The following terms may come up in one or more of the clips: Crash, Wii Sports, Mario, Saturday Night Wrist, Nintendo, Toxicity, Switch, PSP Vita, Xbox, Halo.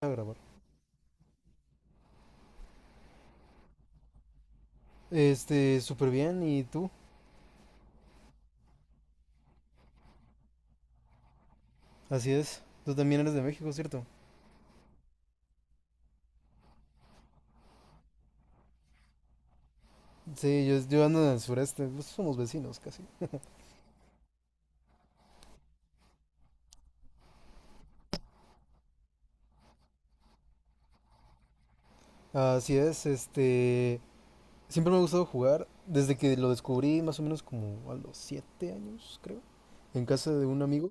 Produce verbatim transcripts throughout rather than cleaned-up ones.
A grabar. Este, súper bien, ¿y tú? Así es. Tú también eres de México, ¿cierto? Sí, yo, yo ando en el sureste, pues somos vecinos casi. Así es, este... Siempre me ha gustado jugar, desde que lo descubrí más o menos como a los siete años, creo, en casa de un amigo.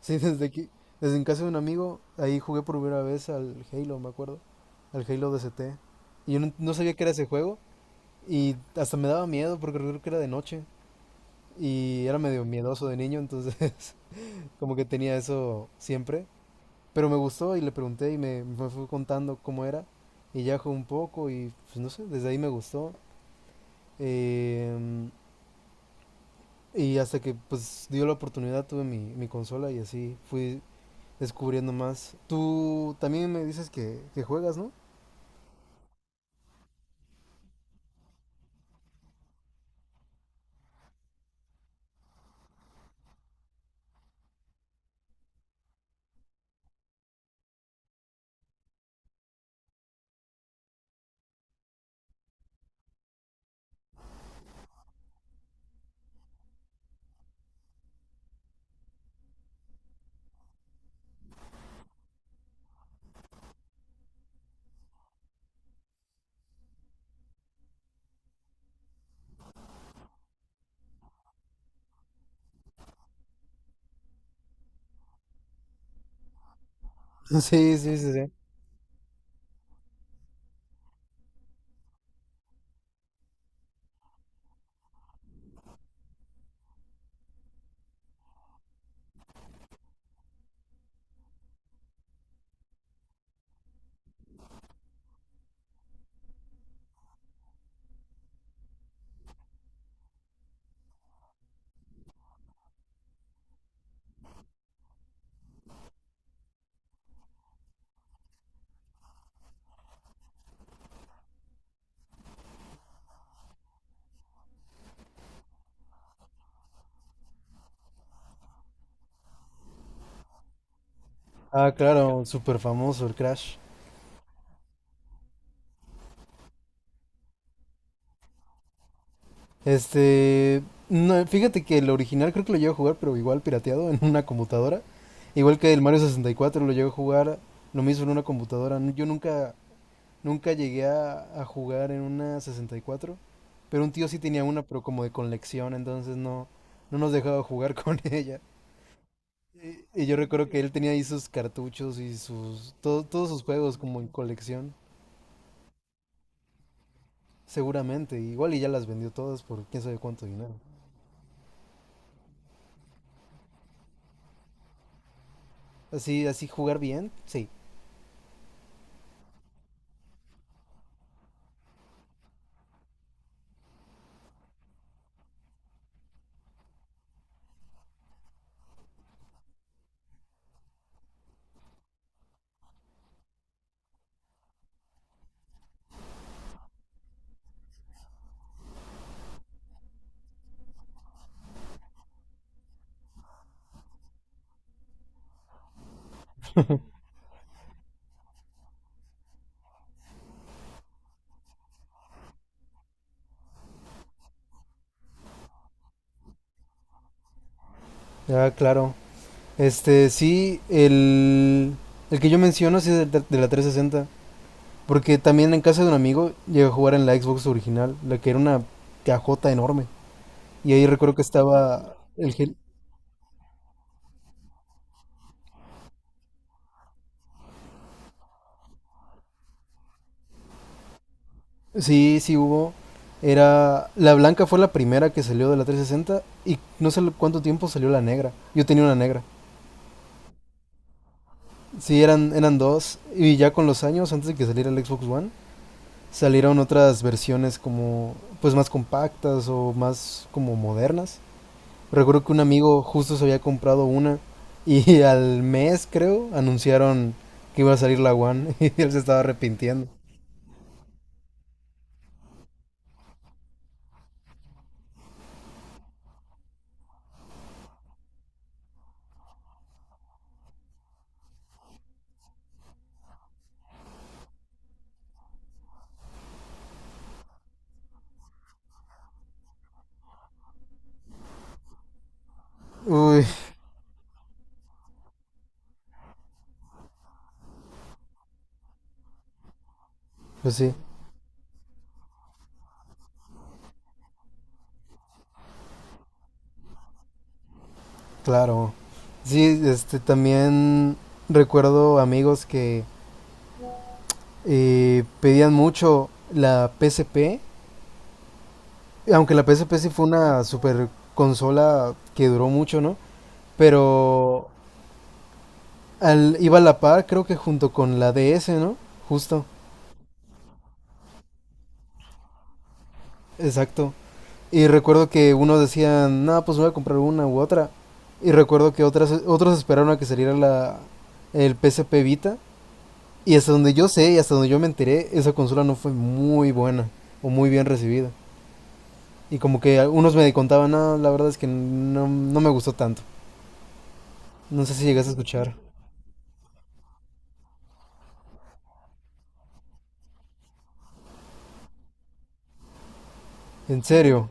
Sí, desde que, desde en casa de un amigo, ahí jugué por primera vez al Halo, me acuerdo, al Halo D S T. Y yo no, no sabía que era ese juego, y hasta me daba miedo porque creo que era de noche, y era medio miedoso de niño, entonces... Como que tenía eso siempre. Pero me gustó y le pregunté y me, me fue contando cómo era. Y ya jugué un poco y pues no sé, desde ahí me gustó. Eh, y hasta que pues dio la oportunidad tuve mi, mi consola y así fui descubriendo más. Tú también me dices que, que juegas, ¿no? Sí, sí, sí, sí. Ah, claro, súper famoso el Crash. Este, no, fíjate que el original creo que lo llevo a jugar, pero igual pirateado en una computadora. Igual que el Mario sesenta y cuatro lo llevo a jugar, lo mismo en una computadora. N- Yo nunca, Nunca llegué a, a jugar en una sesenta y cuatro, pero un tío sí tenía una, pero como de colección, entonces no, no nos dejaba jugar con ella. Y, y yo recuerdo que él tenía ahí sus cartuchos y sus, todo- todos sus juegos como en colección, seguramente. Igual y ya las vendió todas por quién sabe cuánto dinero. Así, así jugar bien, sí. Ya, claro. Este, sí, el, el que yo menciono sí es de, de la trescientos sesenta. Porque también en casa de un amigo llegué a jugar en la Xbox original, la que era una cajota enorme. Y ahí recuerdo que estaba el Hel-. Sí, sí hubo. Era... La blanca fue la primera que salió de la trescientos sesenta y no sé cuánto tiempo salió la negra. Yo tenía una negra. Sí, eran, eran dos. Y ya con los años, antes de que saliera el Xbox One, salieron otras versiones como pues más compactas o más como modernas. Recuerdo que un amigo justo se había comprado una y al mes creo anunciaron que iba a salir la One, y él se estaba arrepintiendo. Uy, pues sí, claro. Sí, este también recuerdo amigos que eh, pedían mucho la P S P, aunque la P S P sí fue una super consola que duró mucho, ¿no? Pero al, iba a la par, creo que junto con la D S, ¿no? Justo, exacto. Y recuerdo que unos decían, no, pues voy a comprar una u otra. Y recuerdo que otras, otros esperaron a que saliera la, el P S P Vita. Y hasta donde yo sé y hasta donde yo me enteré, esa consola no fue muy buena o muy bien recibida. Y como que algunos me contaban, no, la verdad es que no, no me gustó tanto. No sé si llegaste a escuchar. ¿En serio?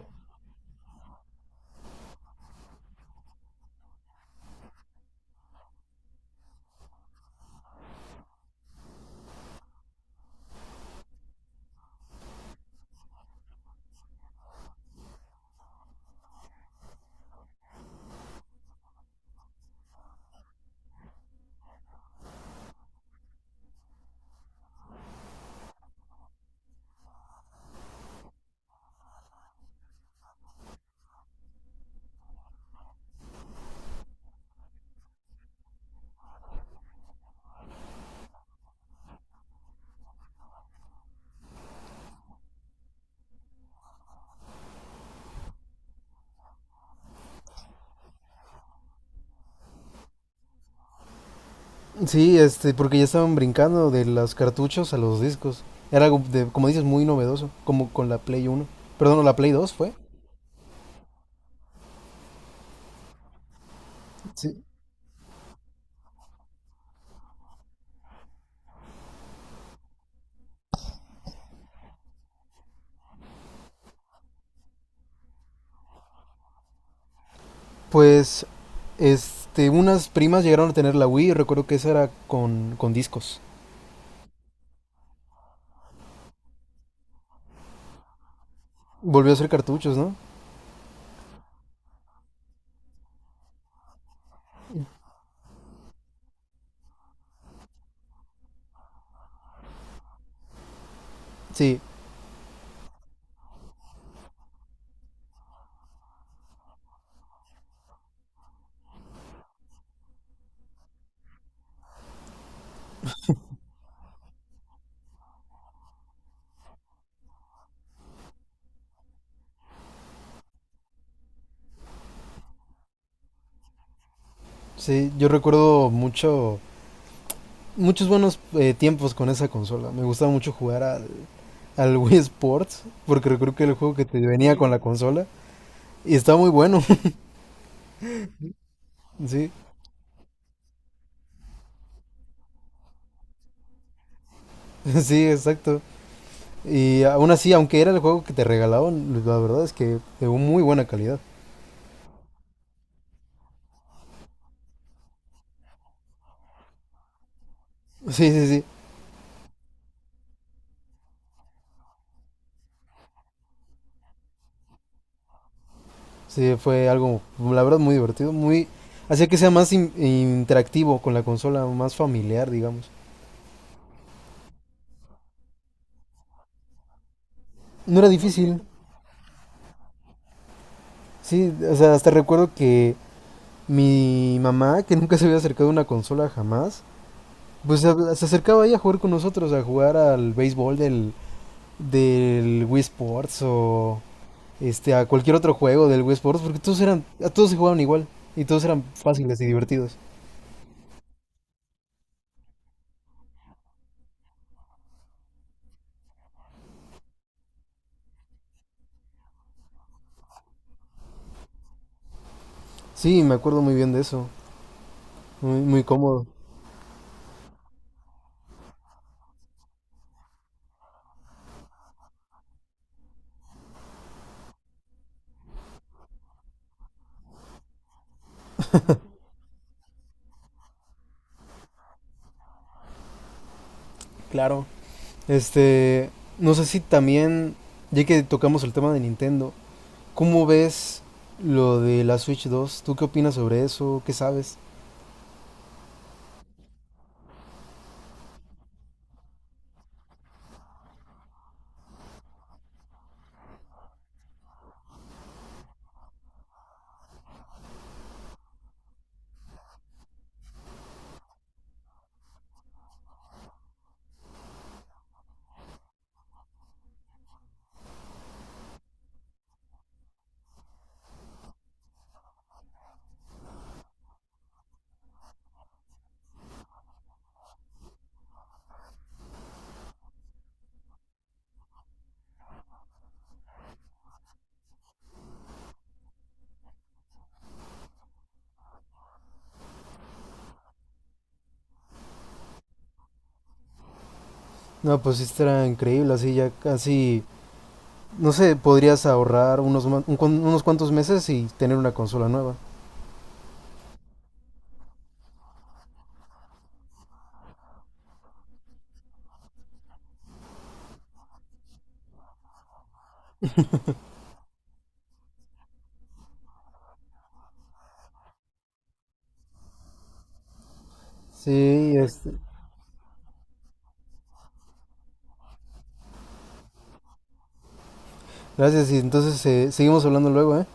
Sí, este, porque ya estaban brincando de los cartuchos a los discos. Era algo, de, como dices, muy novedoso, como con la Play Uno. Perdón, ¿o la Play Dos fue? Sí. Pues, este, unas primas llegaron a tener la Wii, recuerdo que esa era con, con discos. Volvió a ser cartuchos, ¿no? Sí, sí, yo recuerdo mucho, muchos buenos eh, tiempos con esa consola. Me gustaba mucho jugar al, al Wii Sports, porque recuerdo que era el juego que te venía con la consola, y estaba muy bueno, sí. Sí, exacto. Y aún así, aunque era el juego que te regalaban, la verdad es que de muy buena calidad. Sí, sí, sí. Sí, fue algo, la verdad, muy divertido. Muy. Hacía que sea más in- interactivo con la consola, más familiar, digamos. No era difícil. Sí, o sea, hasta recuerdo que mi mamá, que nunca se había acercado a una consola jamás, pues se, se acercaba ahí a jugar con nosotros, a jugar al béisbol del, del Wii Sports o este, a cualquier otro juego del Wii Sports, porque todos eran, a todos se jugaban igual y todos eran fáciles y divertidos. Sí, me acuerdo muy bien de eso, muy, muy cómodo. Claro. Este, no sé si también, ya que tocamos el tema de Nintendo, ¿cómo ves lo de la Switch dos? ¿Tú qué opinas sobre eso? ¿Qué sabes? No, pues esto era increíble, así ya casi, no sé, podrías ahorrar unos, ma- un cuan- unos cuantos meses y tener una consola nueva. Sí, este, gracias y entonces eh, seguimos hablando luego, ¿eh?